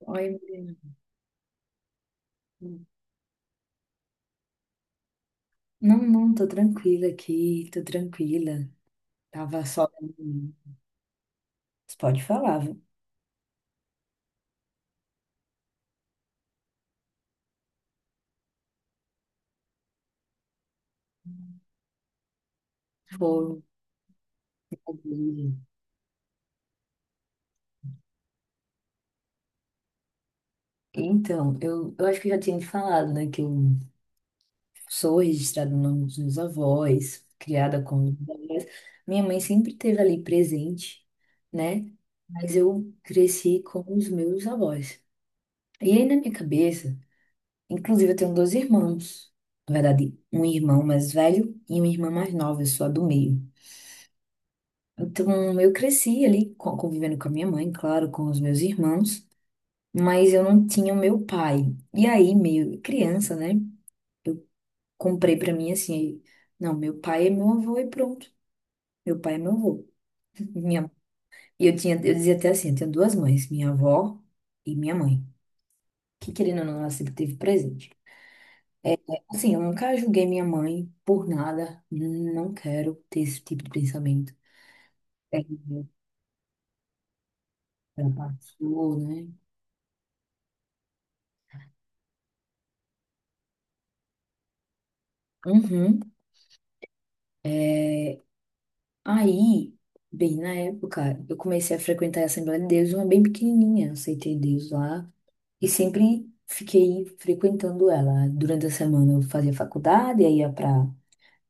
Oi, Mariana. Não, não, tô tranquila aqui, tô tranquila. Tava só. Você pode falar, viu? Foi. Então, eu acho que eu já tinha te falado, né, que eu sou registrada no nome dos meus avós, criada com os meus avós. Minha mãe sempre esteve ali presente, né? Mas eu cresci com os meus avós. E aí, na minha cabeça, inclusive, eu tenho dois irmãos. Na verdade, um irmão mais velho e uma irmã mais nova, eu sou a do meio. Então, eu cresci ali convivendo com a minha mãe, claro, com os meus irmãos, mas eu não tinha o meu pai. E aí, meio criança, né? Eu comprei pra mim assim, não, meu pai é meu avô e pronto. Meu pai é meu avô. Minha... E eu tinha, eu dizia até assim, eu tenho duas mães, minha avó e minha mãe, que querendo ou não, ela sempre teve presente. Assim, eu nunca julguei minha mãe por nada, não quero ter esse tipo de pensamento. É, ela passou, né? Uhum. É, aí, bem na época, eu comecei a frequentar a Assembleia de Deus, uma bem pequenininha, eu aceitei Deus lá e sempre fiquei frequentando ela. Durante a semana eu fazia faculdade, aí ia para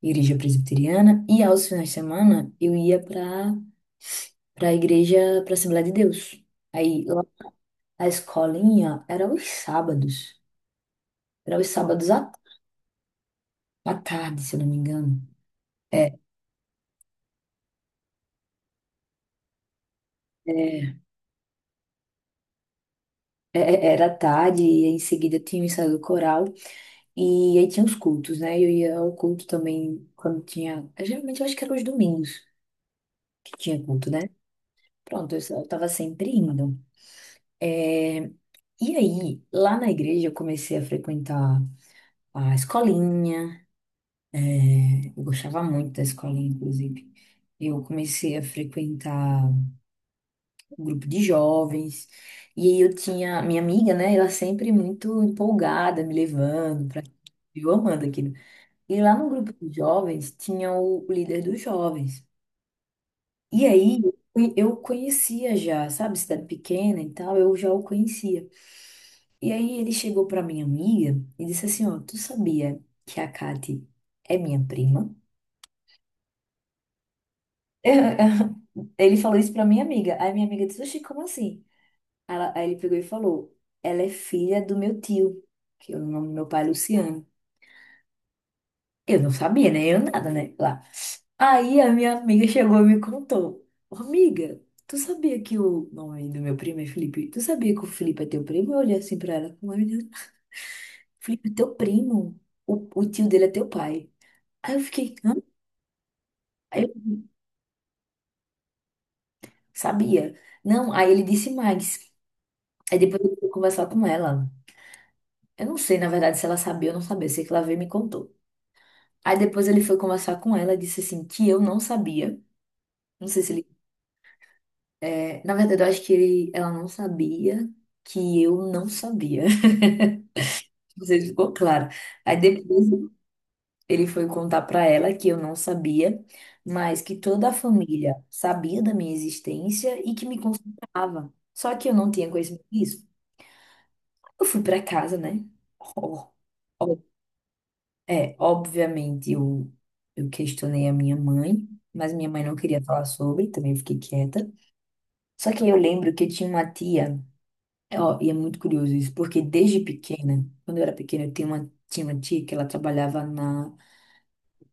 igreja presbiteriana e aos finais de semana eu ia para a igreja, para a Assembleia de Deus. Aí lá, a escolinha era os sábados à, à tarde, se eu não me engano. É, é, é, era à tarde e em seguida tinha o ensaio do coral. E aí tinha os cultos, né? Eu ia ao culto também quando tinha. Geralmente eu acho que era os domingos que tinha culto, né? Pronto, eu tava sempre indo. É, e aí, lá na igreja, eu comecei a frequentar a escolinha. É, eu gostava muito da escolinha, inclusive. Eu comecei a frequentar um grupo de jovens. E aí eu tinha. Minha amiga, né? Ela sempre muito empolgada, me levando pra. Eu amando aqui. E lá no grupo dos jovens tinha o líder dos jovens. E aí eu conhecia já, sabe, cidade pequena e tal, eu já o conhecia. E aí ele chegou pra minha amiga e disse assim, ó, tu sabia que a Kati é minha prima? Ele falou isso pra minha amiga. Aí minha amiga disse, oxi, como assim? Aí ele pegou e falou, ela é filha do meu tio, que é o nome do meu pai é Luciano. Eu não sabia, né? Eu nada, né? Aí a minha amiga chegou e me contou. "Ô, amiga, tu sabia que o nome do meu primo é Felipe? Tu sabia que o Felipe é teu primo? Eu olhei assim pra ela com uma menina. Felipe, é teu primo. O tio dele é teu pai. Aí eu fiquei, hã? Aí eu sabia. Não, aí ele disse mais. Aí depois ele foi conversar com ela. Eu não sei, na verdade, se ela sabia ou não sabia. Eu sei que ela veio e me contou. Aí depois ele foi conversar com ela e disse assim, que eu não sabia. Não sei se... É, na verdade, eu acho que ela não sabia que eu não sabia. Não sei se ficou claro. Aí depois ele foi contar pra ela que eu não sabia, mas que toda a família sabia da minha existência e que me consultava. Só que eu não tinha conhecimento disso. Eu fui pra casa, né? Ó, ó, é, obviamente eu questionei a minha mãe, mas minha mãe não queria falar sobre, também fiquei quieta. Só que eu lembro que eu tinha uma tia. É, ó, e é muito curioso isso, porque desde pequena, quando eu era pequena, eu tinha uma tia que ela trabalhava na.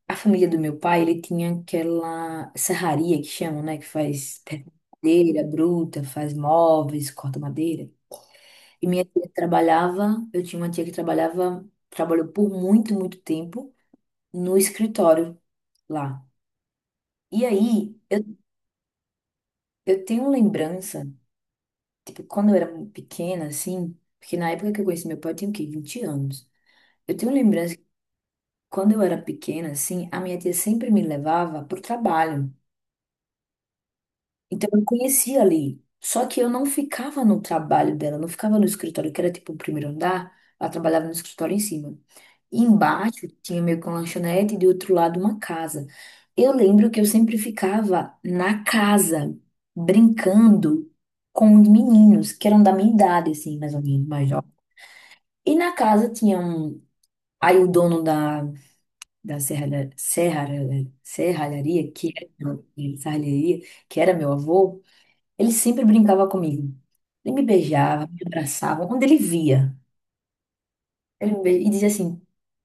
A família do meu pai, ele tinha aquela serraria que chamam, né? Que faz madeira bruta, faz móveis, corta madeira. E minha tia trabalhava, eu tinha uma tia que trabalhava, trabalhou por muito, muito tempo no escritório lá. E aí, eu tenho lembrança, tipo, quando eu era pequena, assim, porque na época que eu conheci meu pai, eu tinha o quê? 20 anos. Eu tenho lembrança. Quando eu era pequena, assim, a minha tia sempre me levava para o trabalho. Então eu conhecia ali. Só que eu não ficava no trabalho dela, não ficava no escritório, que era tipo o primeiro andar. Ela trabalhava no escritório em cima. E embaixo tinha meio que uma lanchonete e do outro lado uma casa. Eu lembro que eu sempre ficava na casa, brincando com os meninos, que eram da minha idade, assim, mais ou menos, mais jovens. E na casa tinha um. Aí o dono da serralharia, que era, serralheria, que era meu avô, ele sempre brincava comigo. Ele me beijava, me abraçava, onde ele via. E dizia assim,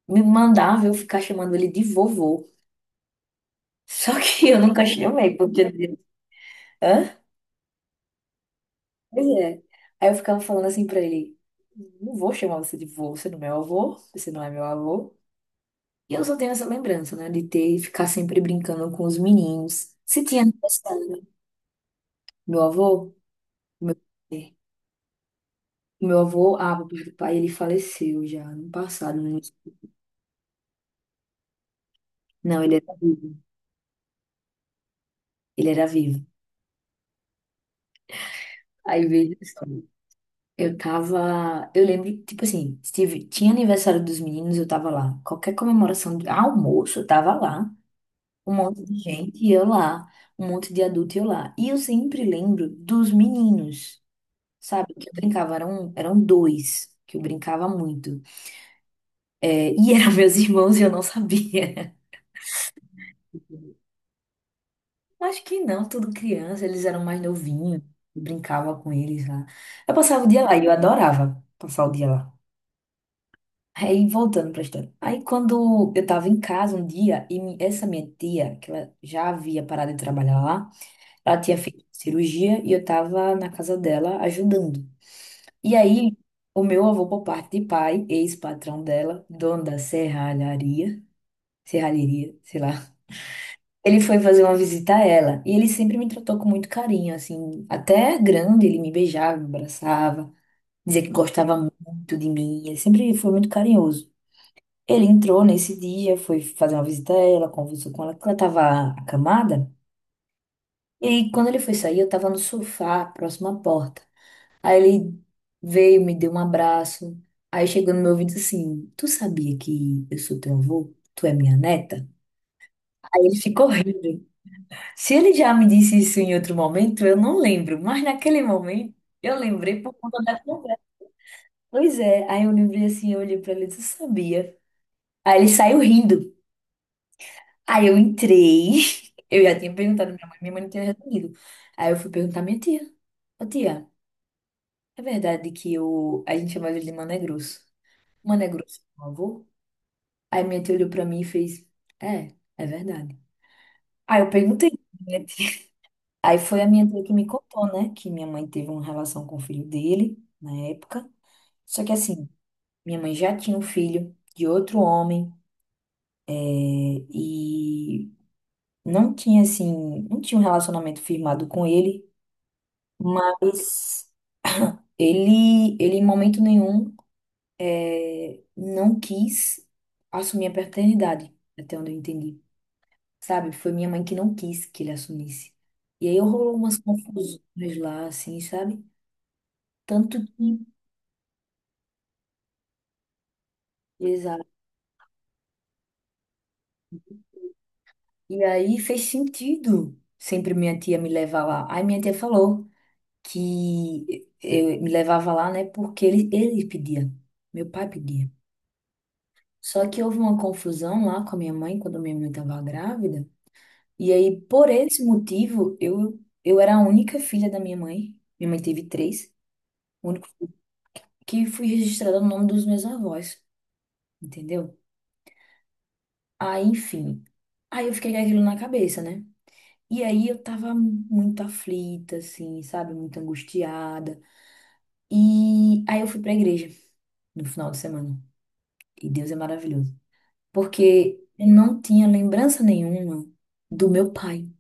me mandava eu ficar chamando ele de vovô. Só que eu nunca chamei, porque... Hã? Pois é. Aí eu ficava falando assim pra ele, não vou chamar você de vô, você não é meu avô, você não é meu avô. E eu só tenho essa lembrança, né, de ter, ficar sempre brincando com os meninos. Se tinha aniversário, meu avô, meu, é, meu avô, ah, meu pai, do pai, ele faleceu já no passado, né? Não, ele era vivo. Ele era vivo. Aí veja só. Eu tava. Eu lembro, tipo assim, tive, tinha aniversário dos meninos, eu tava lá. Qualquer comemoração de almoço, eu tava lá. Um monte de gente e eu lá. Um monte de adulto e eu lá. E eu sempre lembro dos meninos, sabe? Que eu brincava, eram, eram dois que eu brincava muito. É, e eram meus irmãos e eu não sabia. Acho que não, tudo criança, eles eram mais novinhos, eu brincava com eles lá. Eu passava o dia lá e eu adorava passar o dia lá. Aí, voltando pra história. Aí, quando eu tava em casa um dia, e essa minha tia, que ela já havia parado de trabalhar lá, ela tinha feito cirurgia e eu tava na casa dela ajudando. E aí, o meu avô, por parte de pai, ex-patrão dela, dono da serralharia, serralheria, sei lá. Ele foi fazer uma visita a ela e ele sempre me tratou com muito carinho, assim, até grande, ele me beijava, me abraçava, dizia que gostava muito de mim, ele sempre foi muito carinhoso. Ele entrou nesse dia, foi fazer uma visita a ela, conversou com ela, que ela estava acamada, e aí, quando ele foi sair, eu estava no sofá, próximo à porta. Aí ele veio, me deu um abraço, aí chegou no meu ouvido assim: Tu sabia que eu sou teu avô? Tu é minha neta? Aí ele ficou rindo. Se ele já me disse isso em outro momento, eu não lembro, mas naquele momento eu lembrei por conta da conversa. Pois é, aí eu lembrei assim, eu olhei pra ele e disse, eu sabia. Aí ele saiu rindo. Aí eu entrei, eu já tinha perguntado à minha mãe não tinha respondido. Aí eu fui perguntar à minha tia. Ô tia, é verdade que eu... a gente chamava ele de Mané Grosso. Mané Grosso, meu avô? Aí minha tia olhou pra mim e fez, é, é verdade. Aí eu perguntei, né? Aí foi a minha tia que me contou, né, que minha mãe teve uma relação com o filho dele na época. Só que assim, minha mãe já tinha um filho de outro homem, é, e não tinha assim, não tinha um relacionamento firmado com ele, mas ele em momento nenhum, é, não quis assumir a paternidade, até onde eu entendi. Sabe? Foi minha mãe que não quis que ele assumisse. E aí rolou umas confusões lá, assim, sabe? Tanto que... Exato. E aí fez sentido sempre minha tia me levar lá. Aí minha tia falou que eu me levava lá, né? Porque ele pedia, meu pai pedia. Só que houve uma confusão lá com a minha mãe, quando minha mãe estava grávida. E aí, por esse motivo, eu era a única filha da minha mãe. Minha mãe teve três. O único que fui registrada no nome dos meus avós, entendeu? Aí, enfim. Aí eu fiquei com aquilo na cabeça, né? E aí eu tava muito aflita, assim, sabe? Muito angustiada. E aí eu fui pra igreja no final de semana. E Deus é maravilhoso. Porque eu não tinha lembrança nenhuma do meu pai.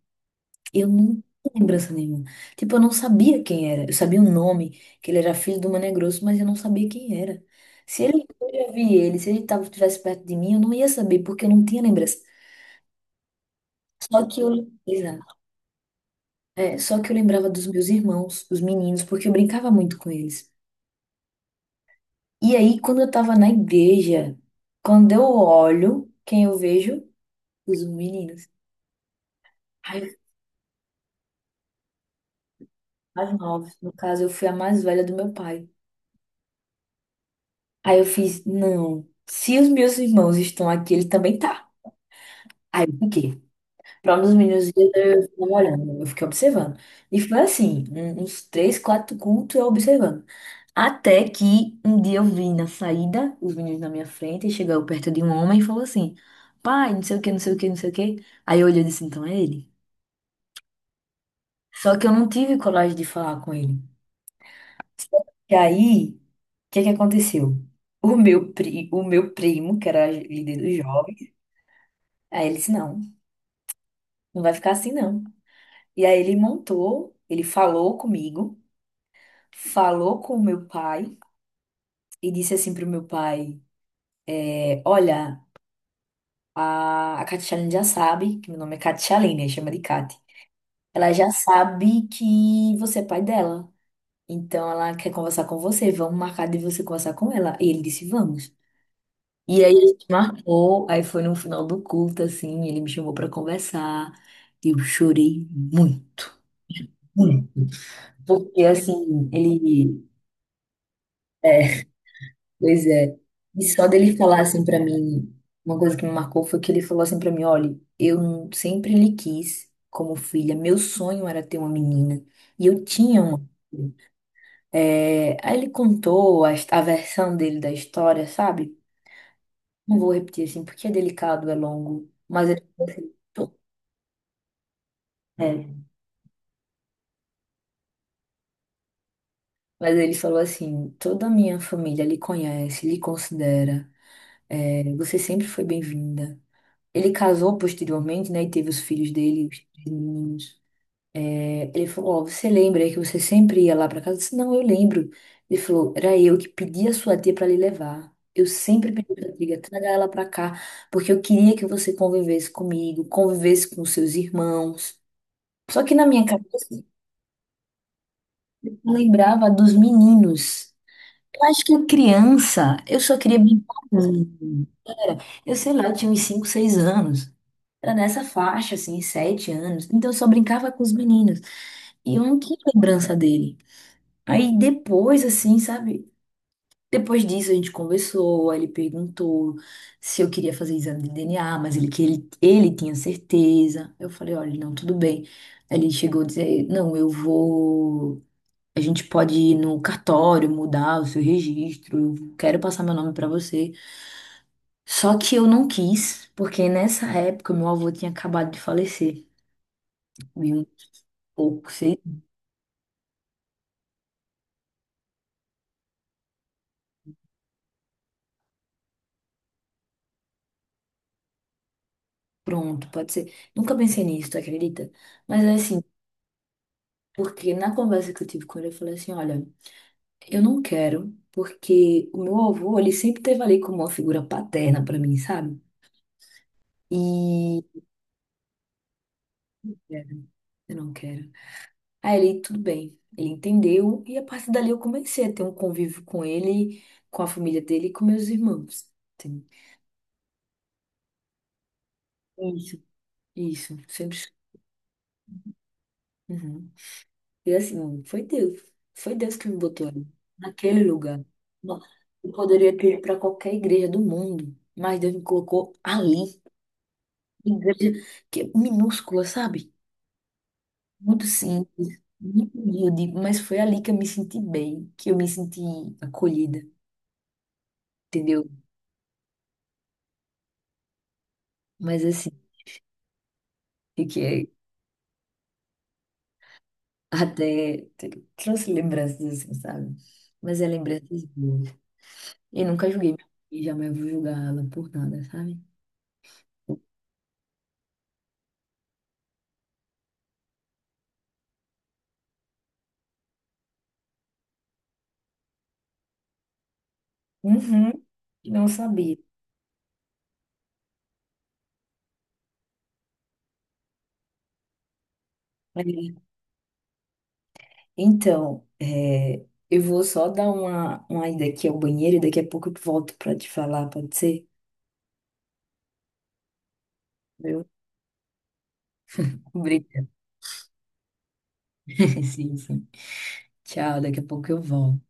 Eu não tinha lembrança nenhuma. Tipo, eu não sabia quem era. Eu sabia o nome, que ele era filho do Mané Grosso, mas eu não sabia quem era. Se ele, eu já vi ele, se ele tava, estivesse perto de mim, eu não ia saber, porque eu não tinha lembrança. Só que eu, exato. É, só que eu lembrava dos meus irmãos, os meninos, porque eu brincava muito com eles. E aí, quando eu tava na igreja, quando eu olho, quem eu vejo? Os meninos. Aí, as novas, no caso, eu fui a mais velha do meu pai. Aí eu fiz, não, se os meus irmãos estão aqui, ele também tá. Aí eu fiquei. Para um dos meninos dias eu fiquei olhando, eu fiquei observando. E foi assim, uns três, quatro cultos eu observando. Até que um dia eu vi na saída os meninos na minha frente e chegou perto de um homem e falou assim: Pai, não sei o que, não sei o que, não sei o que. Aí eu olhei e disse: Então é ele. Só que eu não tive coragem de falar com ele. E aí, o que que aconteceu? O meu primo, que era líder dos jovens, aí ele disse: Não, não vai ficar assim não. E aí ele montou, ele falou comigo. Falou com o meu pai e disse assim pro meu pai: Olha, a Catialine já sabe, que meu nome é Catialine, né, chama de Cati. Ela já sabe que você é pai dela. Então ela quer conversar com você. Vamos marcar de você conversar com ela. E ele disse: Vamos. E aí a gente marcou. Aí foi no final do culto, assim. Ele me chamou pra conversar. Eu chorei muito. Muito. Porque, assim, ele... Pois é. E só dele falar assim pra mim, uma coisa que me marcou foi que ele falou assim pra mim, olha, sempre lhe quis como filha, meu sonho era ter uma menina. E eu tinha uma. É, aí ele contou a versão dele da história, sabe? Não vou repetir assim, porque é delicado, é longo. Mas ele falou assim, é, mas ele falou assim, toda a minha família lhe conhece, lhe considera. Você sempre foi bem-vinda. Ele casou posteriormente, né? E teve os filhos dele, os três meninos. Ele falou: Ó, você lembra que você sempre ia lá pra casa? Eu disse: Não, eu lembro. Ele falou: Era eu que pedi a sua tia pra lhe levar. Eu sempre pedi pra tia, traga ela pra cá, porque eu queria que você convivesse comigo, convivesse com seus irmãos. Só que na minha cabeça, eu lembrava dos meninos. Eu acho que criança, eu só queria brincar com eles. Eu sei lá, eu tinha uns 5, 6 anos. Era nessa faixa, assim, sete anos. Então eu só brincava com os meninos. E eu não tinha lembrança dele. Aí depois, assim, sabe? Depois disso a gente conversou, aí ele perguntou se eu queria fazer exame de DNA, mas ele tinha certeza. Eu falei, olha, não, tudo bem. Aí ele chegou a dizer, não, eu vou. A gente pode ir no cartório, mudar o seu registro, eu quero passar meu nome pra você. Só que eu não quis, porque nessa época meu avô tinha acabado de falecer. Ou que sei, pronto, pode ser. Nunca pensei nisso, tu acredita? Mas é assim, porque na conversa que eu tive com ele, eu falei assim, olha, eu não quero, porque o meu avô, ele sempre teve ali como uma figura paterna pra mim, sabe? E eu não quero. Aí ele, tudo bem. Ele entendeu e a partir dali eu comecei a ter um convívio com ele, com a família dele e com meus irmãos. Sim. Isso, isso, sempre. Uhum. E assim, foi Deus. Foi Deus que me botou ali, naquele lugar. Não- Eu poderia ter ido para qualquer igreja do mundo, mas Deus me colocou ali. Igreja que é minúscula, sabe? Muito simples, muito humilde, mas foi ali que eu me senti bem, que eu me senti acolhida, entendeu? Mas assim, fiquei até. Trouxe lembranças assim, sabe? Mas é lembranças boas. Eu nunca julguei minha mãe, jamais vou julgar ela por nada, sabe? Uhum, não sabia. É, Então, eu vou só dar uma ida aqui ao banheiro e daqui a pouco eu volto para te falar, pode ser? Viu? Obrigada. Sim, sim. Tchau, daqui a pouco eu volto.